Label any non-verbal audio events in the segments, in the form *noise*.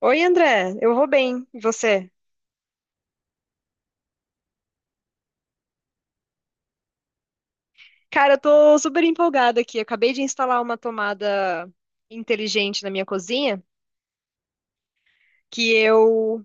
Oi, André, eu vou bem, e você? Cara, eu tô super empolgada aqui. Eu acabei de instalar uma tomada inteligente na minha cozinha, que eu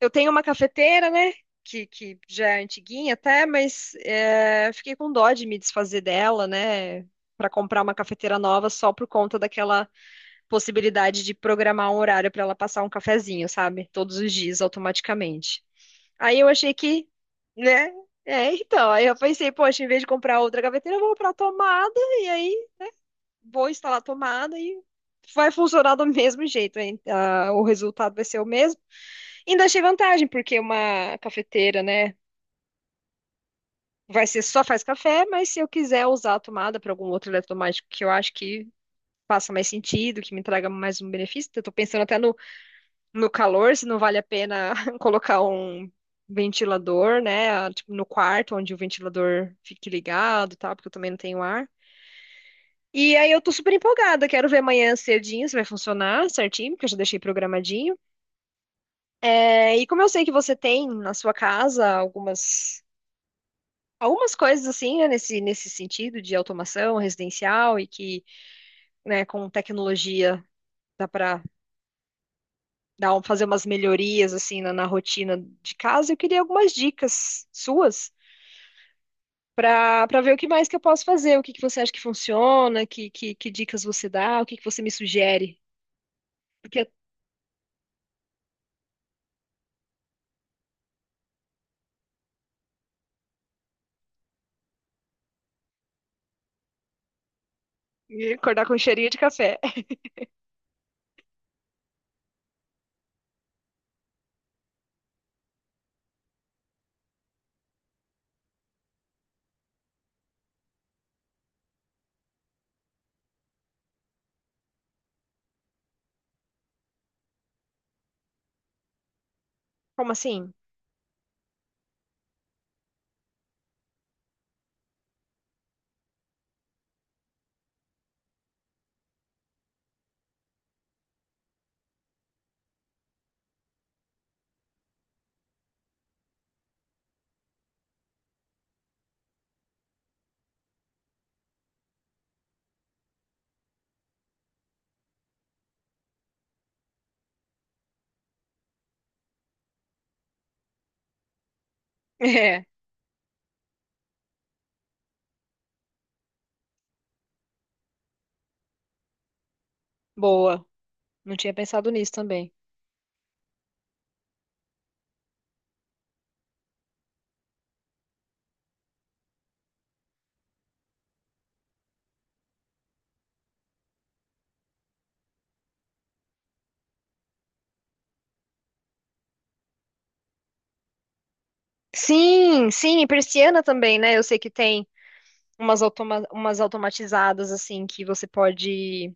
eu tenho uma cafeteira, né? Que já é antiguinha até, mas é, fiquei com dó de me desfazer dela, né? Pra comprar uma cafeteira nova só por conta daquela possibilidade de programar um horário pra ela passar um cafezinho, sabe? Todos os dias, automaticamente. Aí eu achei que, né? É, então, aí eu pensei, poxa, em vez de comprar outra gaveteira, eu vou comprar a tomada e aí vou instalar a tomada e vai funcionar do *laughs* mesmo jeito, hein? Ah, o resultado vai ser o mesmo. Ainda achei vantagem, porque uma cafeteira, né, vai ser só faz café, mas se eu quiser usar a tomada para algum outro eletrodoméstico que eu acho que faça mais sentido, que me traga mais um benefício, eu tô pensando até no calor, se não vale a pena *laughs* colocar um ventilador, né? Tipo, no quarto, onde o ventilador fique ligado, e tal, porque eu também não tenho ar. E aí eu tô super empolgada, quero ver amanhã cedinho se vai funcionar certinho, porque eu já deixei programadinho. É, e como eu sei que você tem na sua casa algumas coisas assim, né, nesse sentido de automação residencial e que, né, com tecnologia dá para fazer umas melhorias assim na, na rotina de casa, eu queria algumas dicas suas para ver o que mais que eu posso fazer, o que que você acha que funciona, que dicas você dá, o que que você me sugere. Porque acordar com cheirinho de café. Como assim? *laughs* É, boa. Não tinha pensado nisso também. Sim, sim, e persiana também, né? Eu sei que tem umas, automa umas automatizadas, assim, que você pode.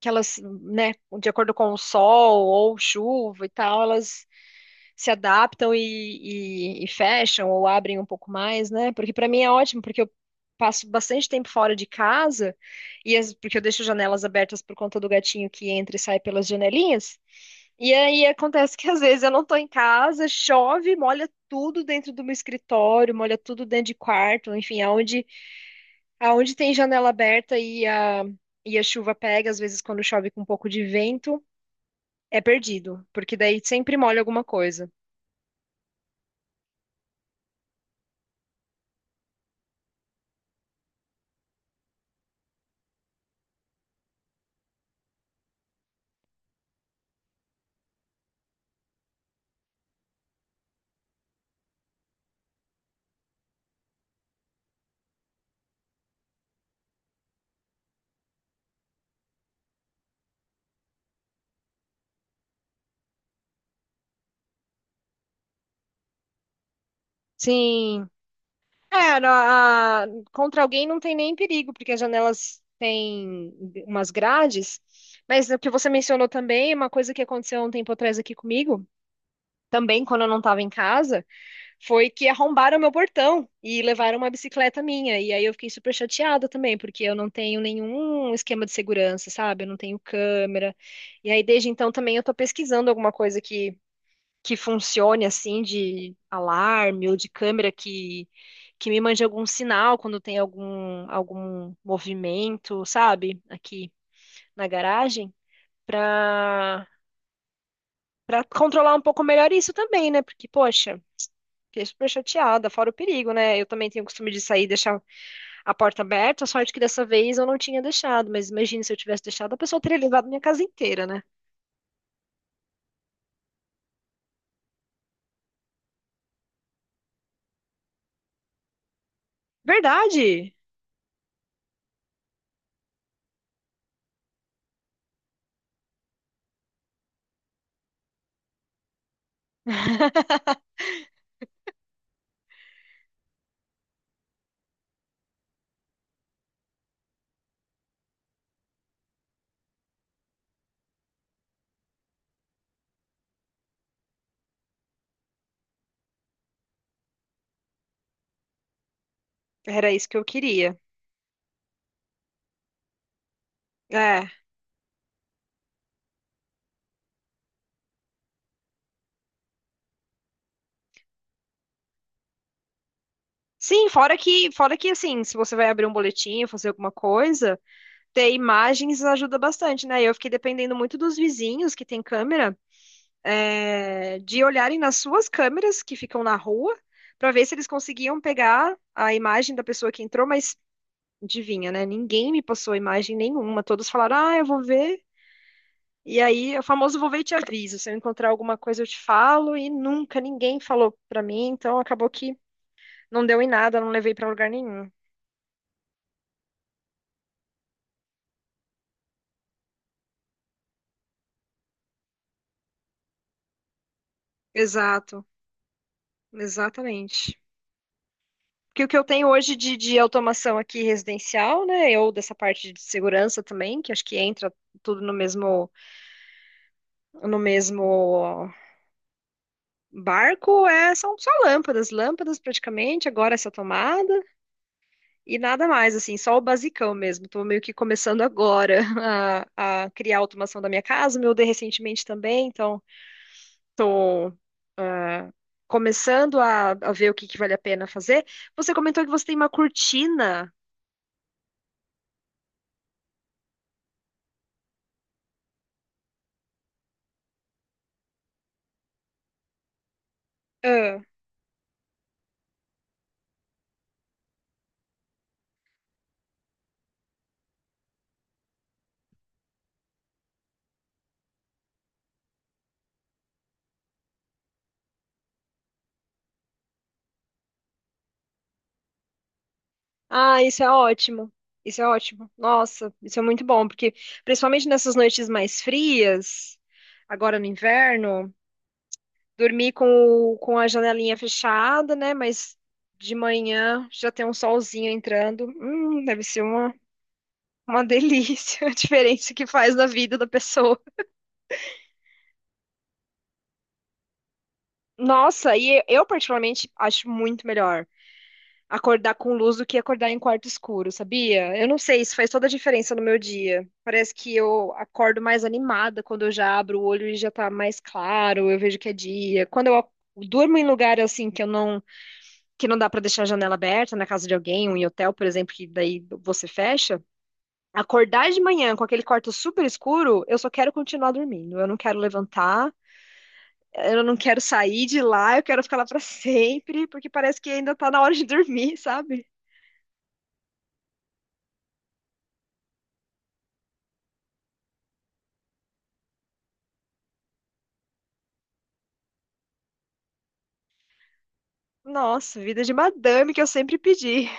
Que elas, né, de acordo com o sol ou chuva e tal, elas se adaptam e, e fecham ou abrem um pouco mais, né? Porque para mim é ótimo, porque eu passo bastante tempo fora de casa e porque eu deixo janelas abertas por conta do gatinho que entra e sai pelas janelinhas. E aí acontece que às vezes eu não tô em casa, chove, molha tudo dentro do meu escritório, molha tudo dentro de quarto, enfim, aonde tem janela aberta e a chuva pega, às vezes quando chove com um pouco de vento, é perdido, porque daí sempre molha alguma coisa. Sim. Contra alguém não tem nem perigo, porque as janelas têm umas grades. Mas o que você mencionou também, uma coisa que aconteceu há um tempo atrás aqui comigo, também quando eu não estava em casa, foi que arrombaram meu portão e levaram uma bicicleta minha. E aí eu fiquei super chateada também, porque eu não tenho nenhum esquema de segurança, sabe? Eu não tenho câmera. E aí desde então também eu tô pesquisando alguma coisa que funcione assim de alarme ou de câmera que me mande algum sinal quando tem algum movimento, sabe? Aqui na garagem para para controlar um pouco melhor isso também, né? Porque poxa, fiquei super chateada, fora o perigo, né? Eu também tenho o costume de sair e deixar a porta aberta, a sorte que dessa vez eu não tinha deixado, mas imagina se eu tivesse deixado, a pessoa teria levado minha casa inteira, né? Verdade. *laughs* Era isso que eu queria. É. Sim, fora que assim, se você vai abrir um boletim, fazer alguma coisa, ter imagens ajuda bastante, né? Eu fiquei dependendo muito dos vizinhos que têm câmera, é, de olharem nas suas câmeras que ficam na rua, para ver se eles conseguiam pegar a imagem da pessoa que entrou, mas adivinha, né? Ninguém me passou imagem nenhuma. Todos falaram, ah, eu vou ver. E aí, o famoso vou ver e te aviso. Se eu encontrar alguma coisa, eu te falo. E nunca ninguém falou pra mim, então acabou que não deu em nada, não levei pra lugar nenhum. Exato. Exatamente. Porque o que eu tenho hoje de automação aqui residencial, né, ou dessa parte de segurança também, que acho que entra tudo no mesmo, no mesmo barco, é, são só lâmpadas, lâmpadas praticamente, agora essa tomada, e nada mais, assim, só o basicão mesmo. Estou meio que começando agora *laughs* a criar a automação da minha casa, meu de recentemente também, então estou começando a ver o que que vale a pena fazer. Você comentou que você tem uma cortina. Ah, isso é ótimo. Isso é ótimo. Nossa, isso é muito bom, porque principalmente nessas noites mais frias, agora no inverno, dormir com, com a janelinha fechada, né? Mas de manhã já tem um solzinho entrando. Deve ser uma delícia *laughs* a diferença que faz na vida da pessoa. Nossa, e eu particularmente acho muito melhor acordar com luz do que acordar em quarto escuro, sabia? Eu não sei, isso faz toda a diferença no meu dia. Parece que eu acordo mais animada quando eu já abro o olho e já tá mais claro, eu vejo que é dia. Durmo em lugar assim que eu não que não dá pra deixar a janela aberta, na casa de alguém, ou em hotel, por exemplo, que daí você fecha, acordar de manhã com aquele quarto super escuro, eu só quero continuar dormindo. Eu não quero levantar, eu não quero sair de lá, eu quero ficar lá pra *laughs* sempre, porque parece que ainda tá na hora de dormir, sabe? Nossa, vida de madame que eu sempre pedi.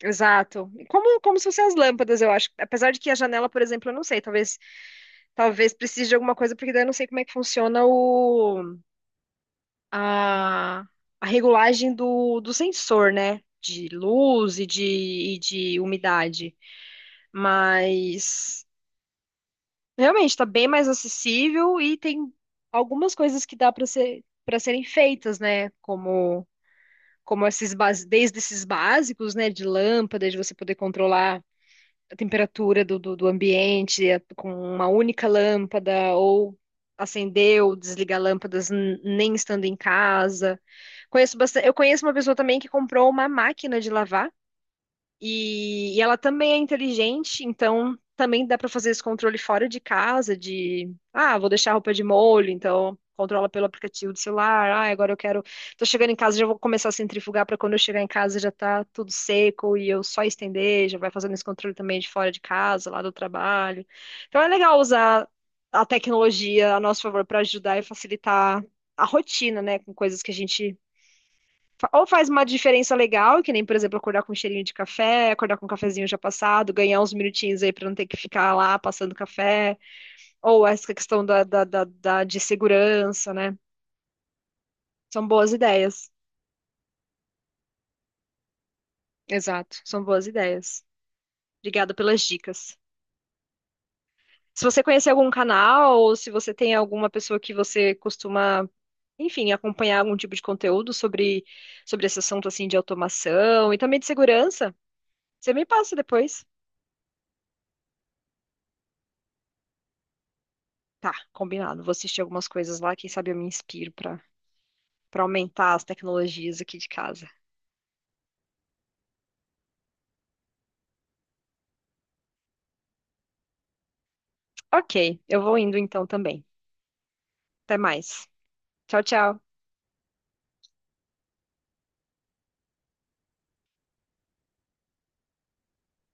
Exato. Como, como se fossem as lâmpadas, eu acho. Apesar de que a janela, por exemplo, eu não sei. Talvez, talvez precise de alguma coisa, porque daí eu não sei como é que funciona a, a regulagem do sensor, né? De luz e de umidade. Mas realmente tá bem mais acessível e tem algumas coisas que dá para serem feitas, né? Como como desde esses básicos, né, de lâmpada, de você poder controlar a temperatura do ambiente com uma única lâmpada, ou acender ou desligar lâmpadas nem estando em casa. Conheço bastante, eu conheço uma pessoa também que comprou uma máquina de lavar e ela também é inteligente, então também dá para fazer esse controle fora de casa, de, ah, vou deixar a roupa de molho, então controla pelo aplicativo do celular. Ah, agora eu quero, tô chegando em casa, já vou começar a centrifugar para quando eu chegar em casa já tá tudo seco e eu só estender, já vai fazendo esse controle também de fora de casa, lá do trabalho. Então é legal usar a tecnologia a nosso favor para ajudar e facilitar a rotina, né, com coisas que a gente ou faz uma diferença legal, que nem, por exemplo, acordar com um cheirinho de café, acordar com um cafezinho já passado, ganhar uns minutinhos aí pra não ter que ficar lá passando café, ou essa questão de segurança, né? São boas ideias. Exato, são boas ideias. Obrigada pelas dicas. Se você conhece algum canal, ou se você tem alguma pessoa que você costuma, enfim, acompanhar algum tipo de conteúdo sobre, sobre esse assunto assim de automação e também de segurança, você me passa depois. Tá, combinado. Vou assistir algumas coisas lá, quem sabe eu me inspiro para aumentar as tecnologias aqui de casa. Ok, eu vou indo então também. Até mais. Tchau, tchau.